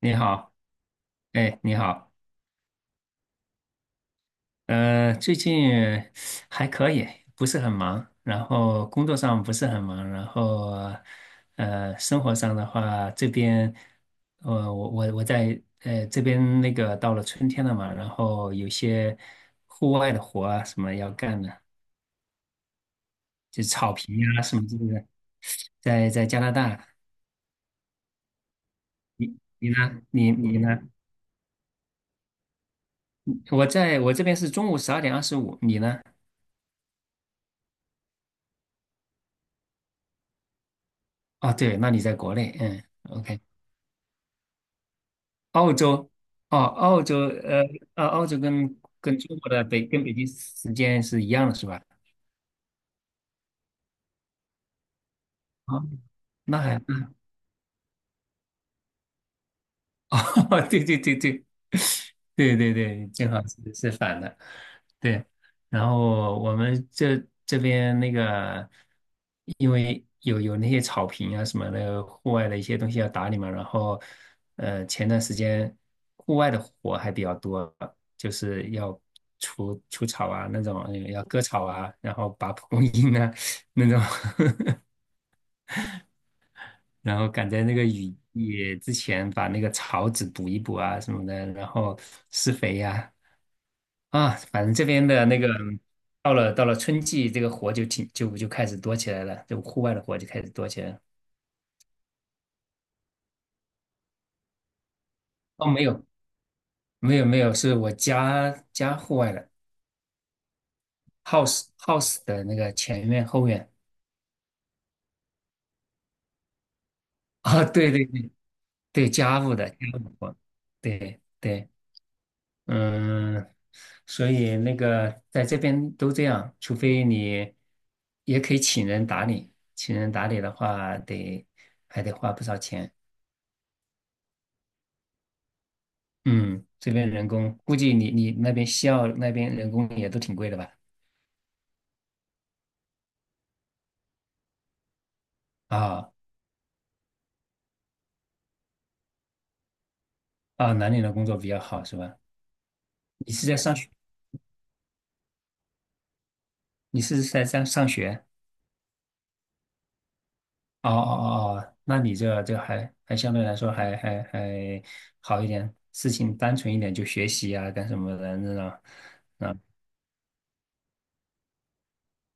你好。哎，你好。最近还可以，不是很忙，然后工作上不是很忙，然后生活上的话，这边我在这边那个到了春天了嘛，然后有些户外的活啊什么要干的，就草坪啊什么之类的，在加拿大。你呢？你呢？我在我这边是中午12:25，你呢？哦，对，那你在国内。嗯，OK。澳洲。哦，澳洲。呃，澳洲跟中国的北跟北京时间是一样的，是吧？啊，那还，哦，对，正好是反的，对。然后我们这边那个，因为有那些草坪啊什么的，户外的一些东西要打理嘛。然后，前段时间户外的活还比较多，就是要除草啊那种，要割草啊，然后拔蒲公英啊那种。然后赶在那个雨季之前把那个草籽补一补啊什么的，然后施肥呀啊，反正这边的那个到了春季，这个活就就开始多起来了，就户外的活就开始多起来了。哦，没有，是我家户外的 house 的那个前院后院啊，对，家务的家务活，对对。嗯，所以那个在这边都这样，除非你也可以请人打理，请人打理的话得还得花不少钱。嗯，这边人工估计你那边西澳那边人工也都挺贵的吧？啊啊，南宁的工作比较好是吧？你是在上学？你是在上学？哦，那你这还相对来说还好一点，事情单纯一点，就学习啊干什么的那种。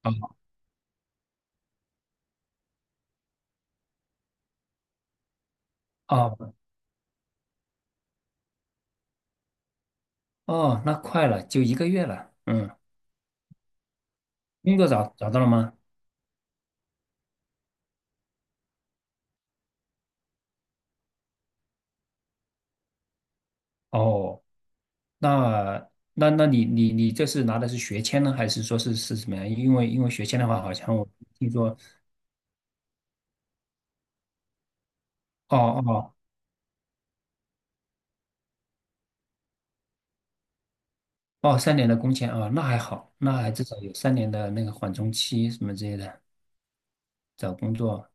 啊。哦哦，那快了，就1个月了。嗯，工作找到了吗？哦，那那你这是拿的是学签呢，还是说是什么呀？因为学签的话，好像我听说，哦哦哦，三年的工签啊，那还好，那还至少有三年的那个缓冲期什么之类的。找工作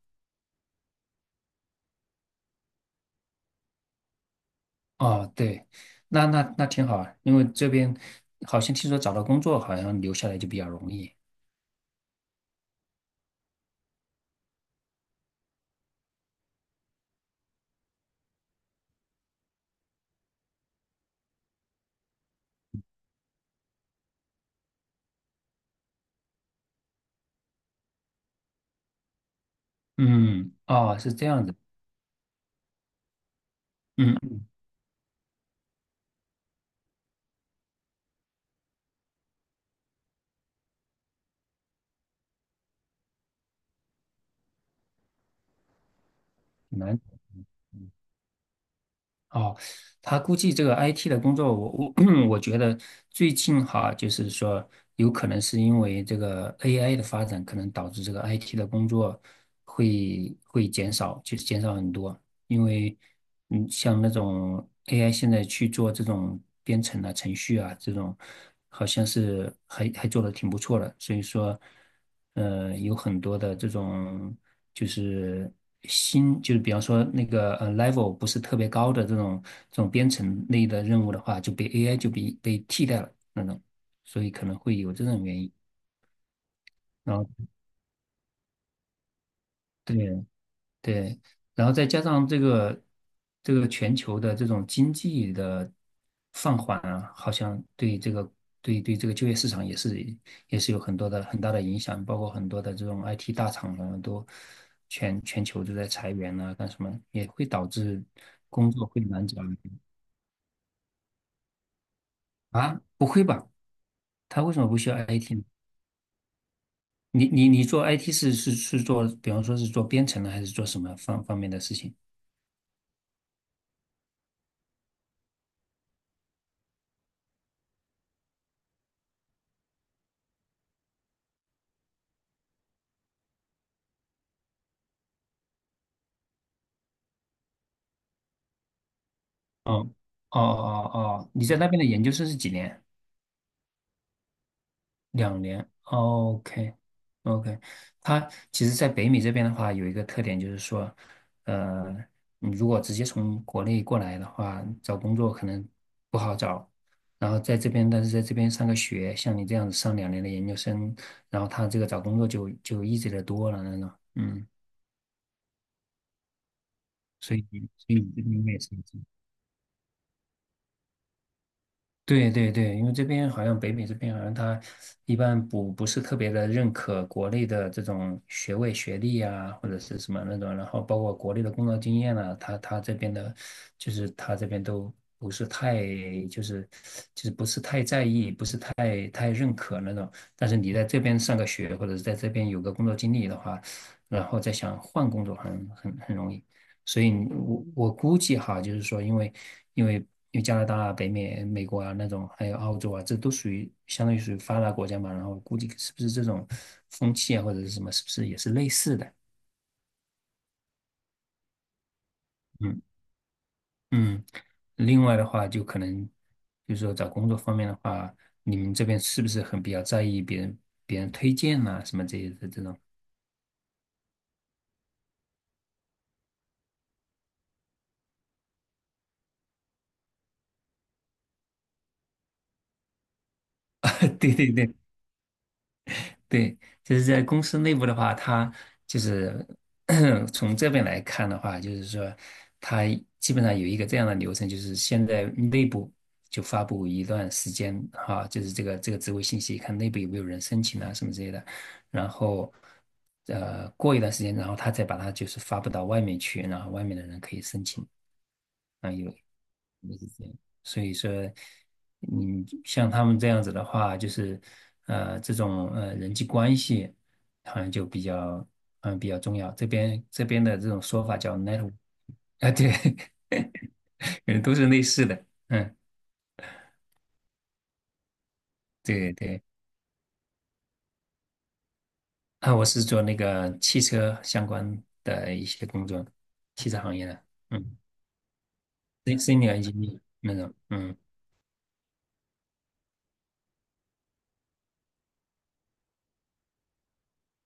哦，对，那挺好啊，因为这边好像听说找到工作好像留下来就比较容易。嗯，哦，是这样子。嗯，很难。哦，他估计这个 IT 的工作，我 我觉得最近哈，就是说有可能是因为这个 AI 的发展，可能导致这个 IT 的工作会减少，就是减少很多。因为嗯，像那种 AI 现在去做这种编程啊、程序啊这种，好像是还做的挺不错的，所以说，有很多的这种就是新，就是比方说那个level 不是特别高的这种这种编程类的任务的话，就被 AI 就被替代了那种，所以可能会有这种原因。然后对，对，然后再加上这个这个全球的这种经济的放缓啊，好像对这个对对这个就业市场也是也是有很多的很大的影响，包括很多的这种 IT 大厂啊，都全球都在裁员啊，干什么也会导致工作会难找啊？不会吧？他为什么不需要 IT 呢？你做 IT 是做，比方说是做编程的，还是做什么方方面的事情？嗯，哦哦哦，你在那边的研究生是几年？两年。哦 OK 哦 OK，他其实，在北美这边的话，有一个特点就是说，呃，你如果直接从国内过来的话，找工作可能不好找。然后在这边，但是在这边上个学，像你这样子上两年的研究生，然后他这个找工作就就 easy 的多了那种。嗯，所以所以你这边应该也是。对对对，因为这边好像北美这边好像他一般不是特别的认可国内的这种学位学历啊，或者是什么那种，然后包括国内的工作经验啊，他他这边的，就是他这边都不是太就是就是不是太在意，不是太认可那种。但是你在这边上个学，或者是在这边有个工作经历的话，然后再想换工作很容易，所以我估计哈，就是说因，为因为因为加拿大啊北美、美国啊那种，还有澳洲啊，这都属于相当于属于发达国家嘛，然后估计是不是这种风气啊或者是什么，是不是也是类似的？嗯嗯，另外的话，就可能就是说找工作方面的话，你们这边是不是很比较在意别人推荐啊什么这些的这种？对对对，对，就是在公司内部的话，他就是 从这边来看的话，就是说，他基本上有一个这样的流程，就是现在内部就发布一段时间哈、就是这个这个职位信息，看内部有没有人申请啊什么之类的，然后过一段时间，然后他再把它就是发布到外面去，然后外面的人可以申请。啊，有是这样所以说，嗯，像他们这样子的话，就是，这种人际关系好像就比较嗯比较重要。这边的这种说法叫 network。 啊，对，嗯，都是类似的。嗯，对对。啊，我是做那个汽车相关的一些工作，汽车行业的，嗯 s e n i o 那种。嗯。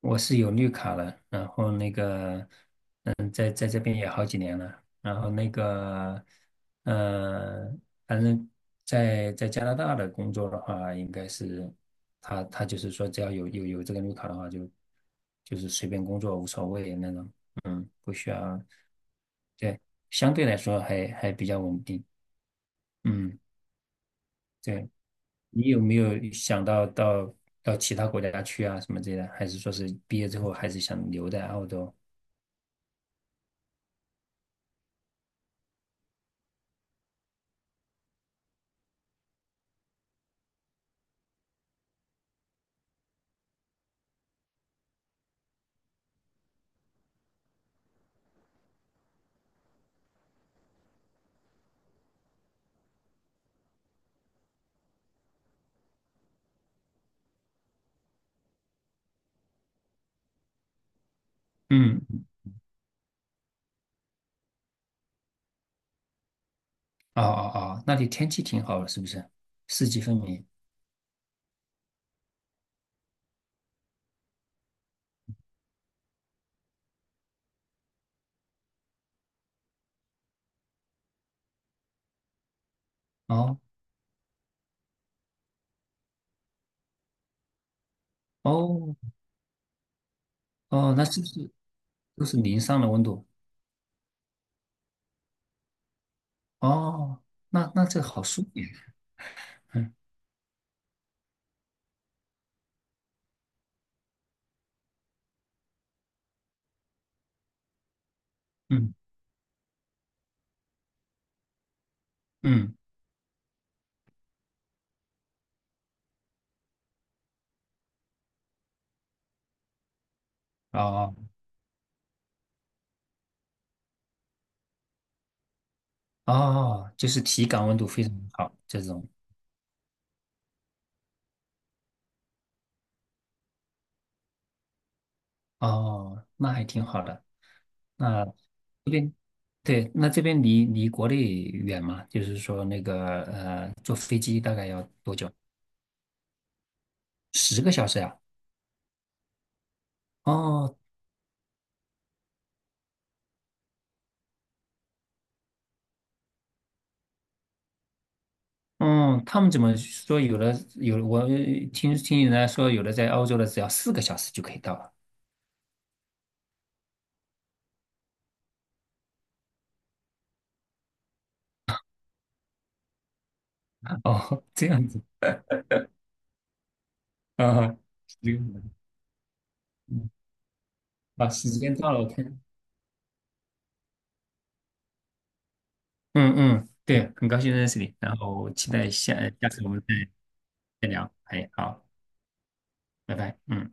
我是有绿卡了，然后那个，嗯，在在这边也好几年了，然后那个，呃，反正在加拿大的工作的话，应该是他就是说，只要有这个绿卡的话就，就是随便工作无所谓那种，嗯，不需要，对，相对来说还比较稳定，嗯，对，你有没有想到其他国家去啊什么之类的，还是说是毕业之后还是想留在澳洲？嗯，哦哦哦，那里天气挺好的，是不是？四季分明。哦哦哦，那是不是都是零上的温度？哦，那那这好舒服呀。嗯嗯嗯，哦哦，就是体感温度非常好，这种。哦，那还挺好的。那这边对，那这边离国内远吗？就是说那个坐飞机大概要多久？10个小时呀、哦，嗯，他们怎么说？有的有，我听人家说，有的在欧洲的只要4个小时就可以到了。哦，这样子啊，这个嗯，啊，时间到了，我看。嗯，对，很高兴认识你，然后期待下下次我们再聊。哎，好，拜拜，嗯。